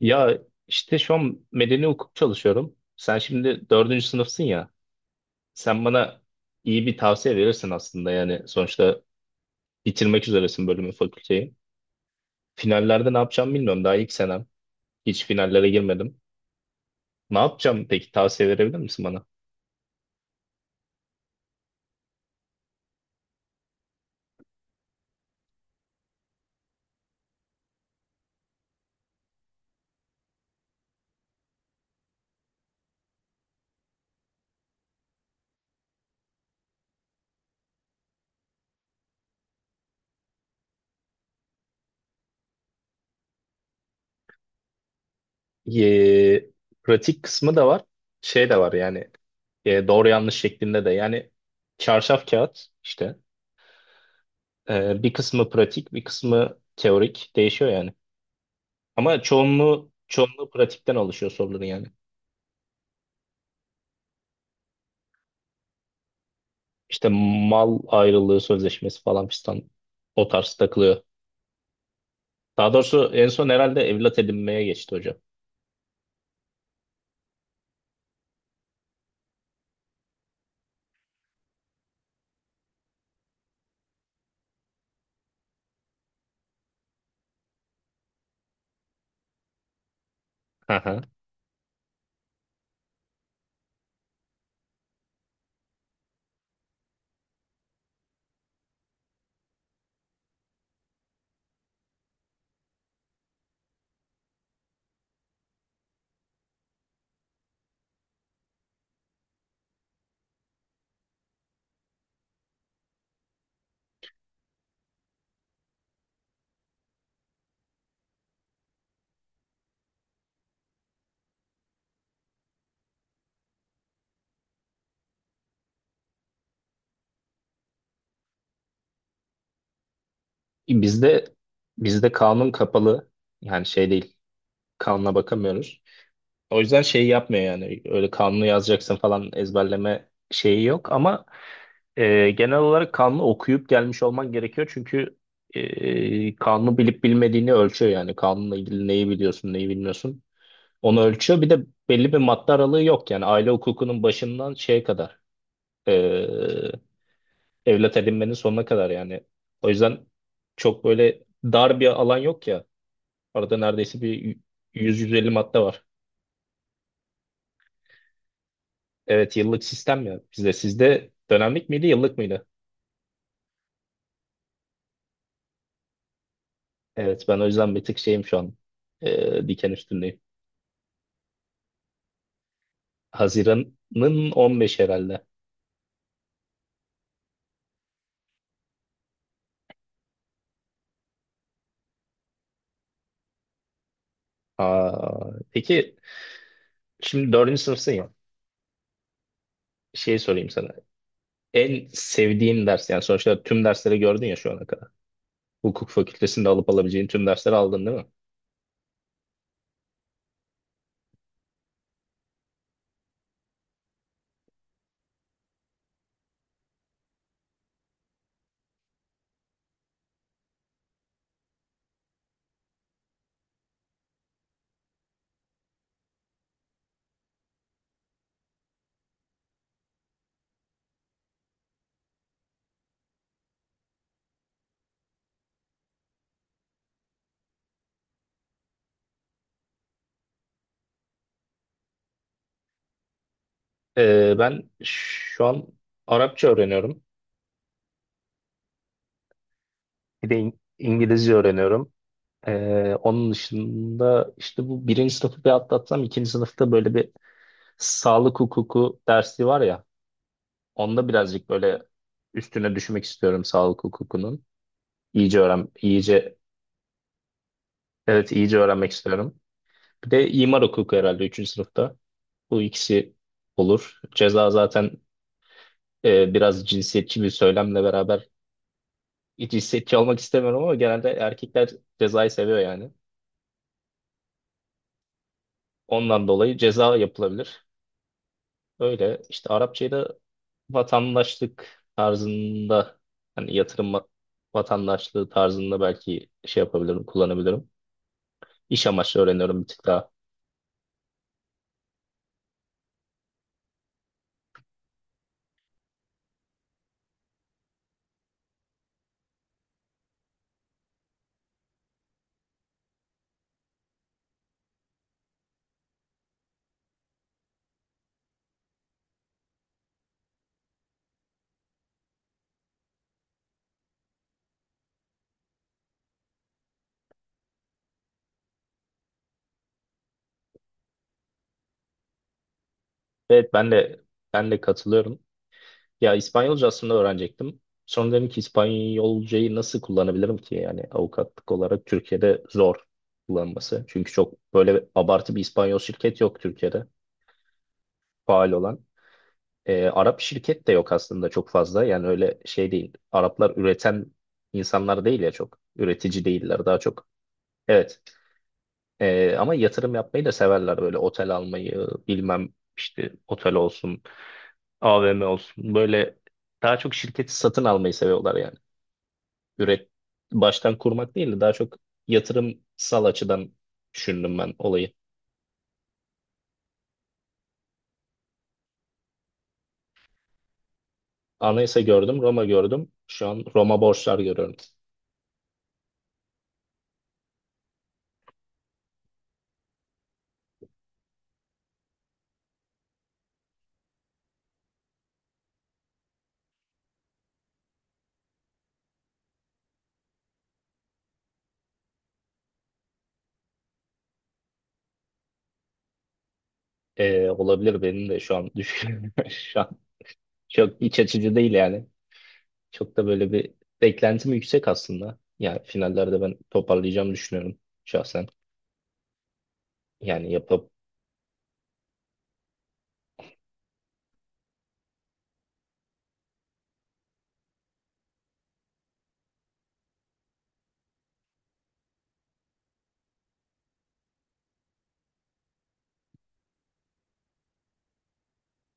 Ya işte şu an medeni hukuk çalışıyorum. Sen şimdi dördüncü sınıfsın ya. Sen bana iyi bir tavsiye verirsin aslında yani. Sonuçta bitirmek üzeresin bölümü, fakülteyi. Finallerde ne yapacağımı bilmiyorum. Daha ilk senem. Hiç finallere girmedim. Ne yapacağım peki? Tavsiye verebilir misin bana? Ee, Pratik kısmı da var. Şey de var yani. Doğru yanlış şeklinde de. Yani çarşaf kağıt işte. Bir kısmı pratik, bir kısmı teorik. Değişiyor yani. Ama çoğunluğu pratikten oluşuyor soruların yani. İşte mal ayrılığı sözleşmesi falan fistan o tarz takılıyor. Daha doğrusu en son herhalde evlat edinmeye geçti hocam. Hı hı. Bizde bizde kanun kapalı, yani şey değil, kanuna bakamıyoruz. O yüzden şeyi yapmıyor yani öyle kanunu yazacaksın falan ezberleme şeyi yok ama genel olarak kanunu okuyup gelmiş olman gerekiyor çünkü kanunu bilip bilmediğini ölçüyor yani kanunla ilgili neyi biliyorsun neyi bilmiyorsun onu ölçüyor. Bir de belli bir madde aralığı yok yani aile hukukunun başından şeye kadar eee, evlat edinmenin sonuna kadar yani. O yüzden çok böyle dar bir alan yok ya. Arada neredeyse bir 100-150 madde var. Evet yıllık sistem ya bizde. Sizde dönemlik miydi yıllık mıydı? Evet ben o yüzden bir tık şeyim şu an, diken üstündeyim. Haziran'ın 15 herhalde. Aa, peki şimdi dördüncü sınıfsın ya. Şey sorayım sana. En sevdiğin ders, yani sonuçta tüm dersleri gördün ya şu ana kadar. Hukuk fakültesinde alıp alabileceğin tüm dersleri aldın değil mi? Ben şu an Arapça öğreniyorum. Bir de İngilizce öğreniyorum. Onun dışında işte bu birinci sınıfı bir atlatsam ikinci sınıfta böyle bir sağlık hukuku dersi var ya. Onda birazcık böyle üstüne düşmek istiyorum sağlık hukukunun. İyice öğren, iyice, evet iyice öğrenmek istiyorum. Bir de imar hukuku herhalde üçüncü sınıfta. Bu ikisi olur. Ceza zaten, biraz cinsiyetçi bir söylemle beraber, cinsiyetçi olmak istemiyorum ama genelde erkekler cezayı seviyor yani. Ondan dolayı ceza yapılabilir. Öyle işte Arapçayı da vatandaşlık tarzında, hani vatandaşlığı tarzında belki şey yapabilirim, kullanabilirim. İş amaçlı öğreniyorum bir tık daha. Evet ben de katılıyorum. Ya İspanyolca aslında öğrenecektim. Sonra dedim ki İspanyolcayı nasıl kullanabilirim ki? Yani avukatlık olarak Türkiye'de zor kullanması. Çünkü çok böyle abartı bir İspanyol şirket yok Türkiye'de faal olan. Arap şirket de yok aslında çok fazla. Yani öyle şey değil. Araplar üreten insanlar değil ya çok. Üretici değiller daha çok. Evet. Ama yatırım yapmayı da severler, böyle otel almayı bilmem, işte otel olsun, AVM olsun, böyle daha çok şirketi satın almayı seviyorlar yani. üret Baştan kurmak değil de daha çok yatırımsal açıdan düşündüm ben olayı. Anayasa gördüm, Roma gördüm. Şu an Roma borçlar görüyorum. Olabilir, benim de şu an düşünüyorum. Şu an çok iç açıcı değil yani. Çok da böyle bir beklentim yüksek aslında. Yani finallerde ben toparlayacağımı düşünüyorum şahsen. Yani yapıp,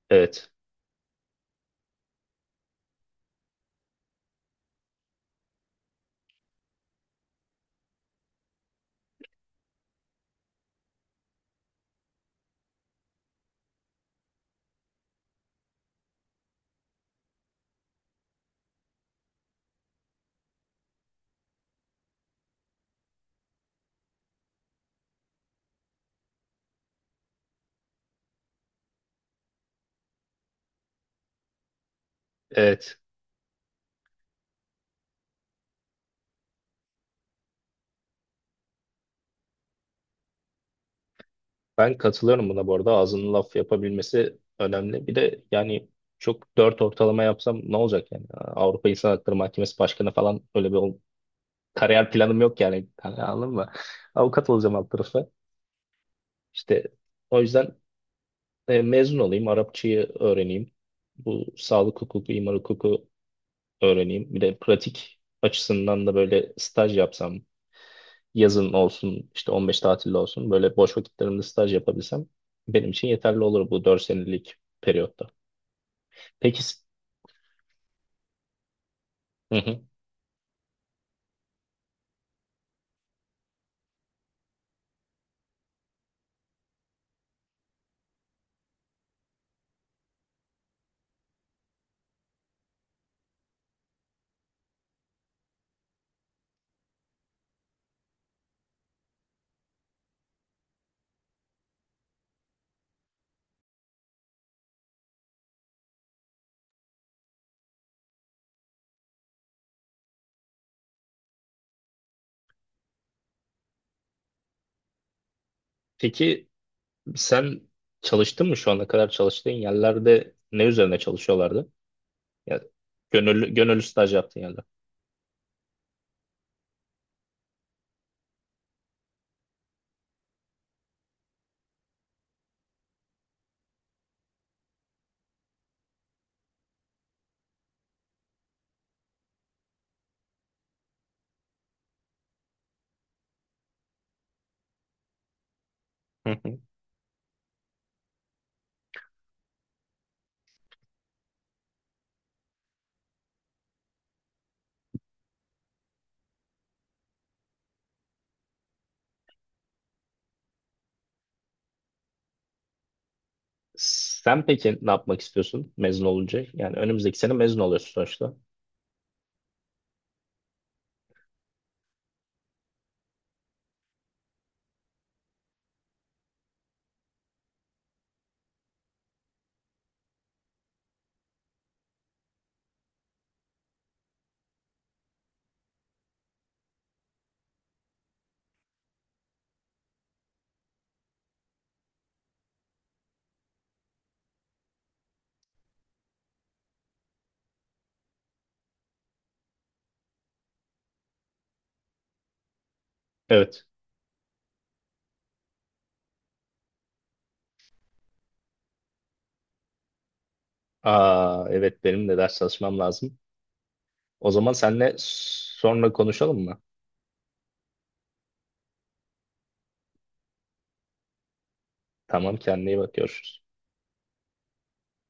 evet. Evet. Ben katılıyorum buna bu arada. Ağzının laf yapabilmesi önemli. Bir de yani çok dört ortalama yapsam ne olacak yani? Avrupa İnsan Hakları Mahkemesi Başkanı falan öyle kariyer planım yok yani. Hani anladın mı? Avukat olacağım alt tarafa. İşte o yüzden, mezun olayım, Arapçayı öğreneyim. Bu sağlık hukuku, imar hukuku öğreneyim. Bir de pratik açısından da böyle staj yapsam, yazın olsun işte 15 tatilde olsun böyle boş vakitlerimde staj yapabilsem benim için yeterli olur bu 4 senelik periyotta. Peki s- hı hı. Peki sen çalıştın mı şu ana kadar, çalıştığın yerlerde ne üzerine çalışıyorlardı? Ya gönüllü staj yaptığın yerler. Hı hı. Sen peki ne yapmak istiyorsun mezun olunca? Yani önümüzdeki sene mezun oluyorsun sonuçta. Evet. Aa, evet benim de ders çalışmam lazım. O zaman seninle sonra konuşalım mı? Tamam, kendine iyi bak, görüşürüz.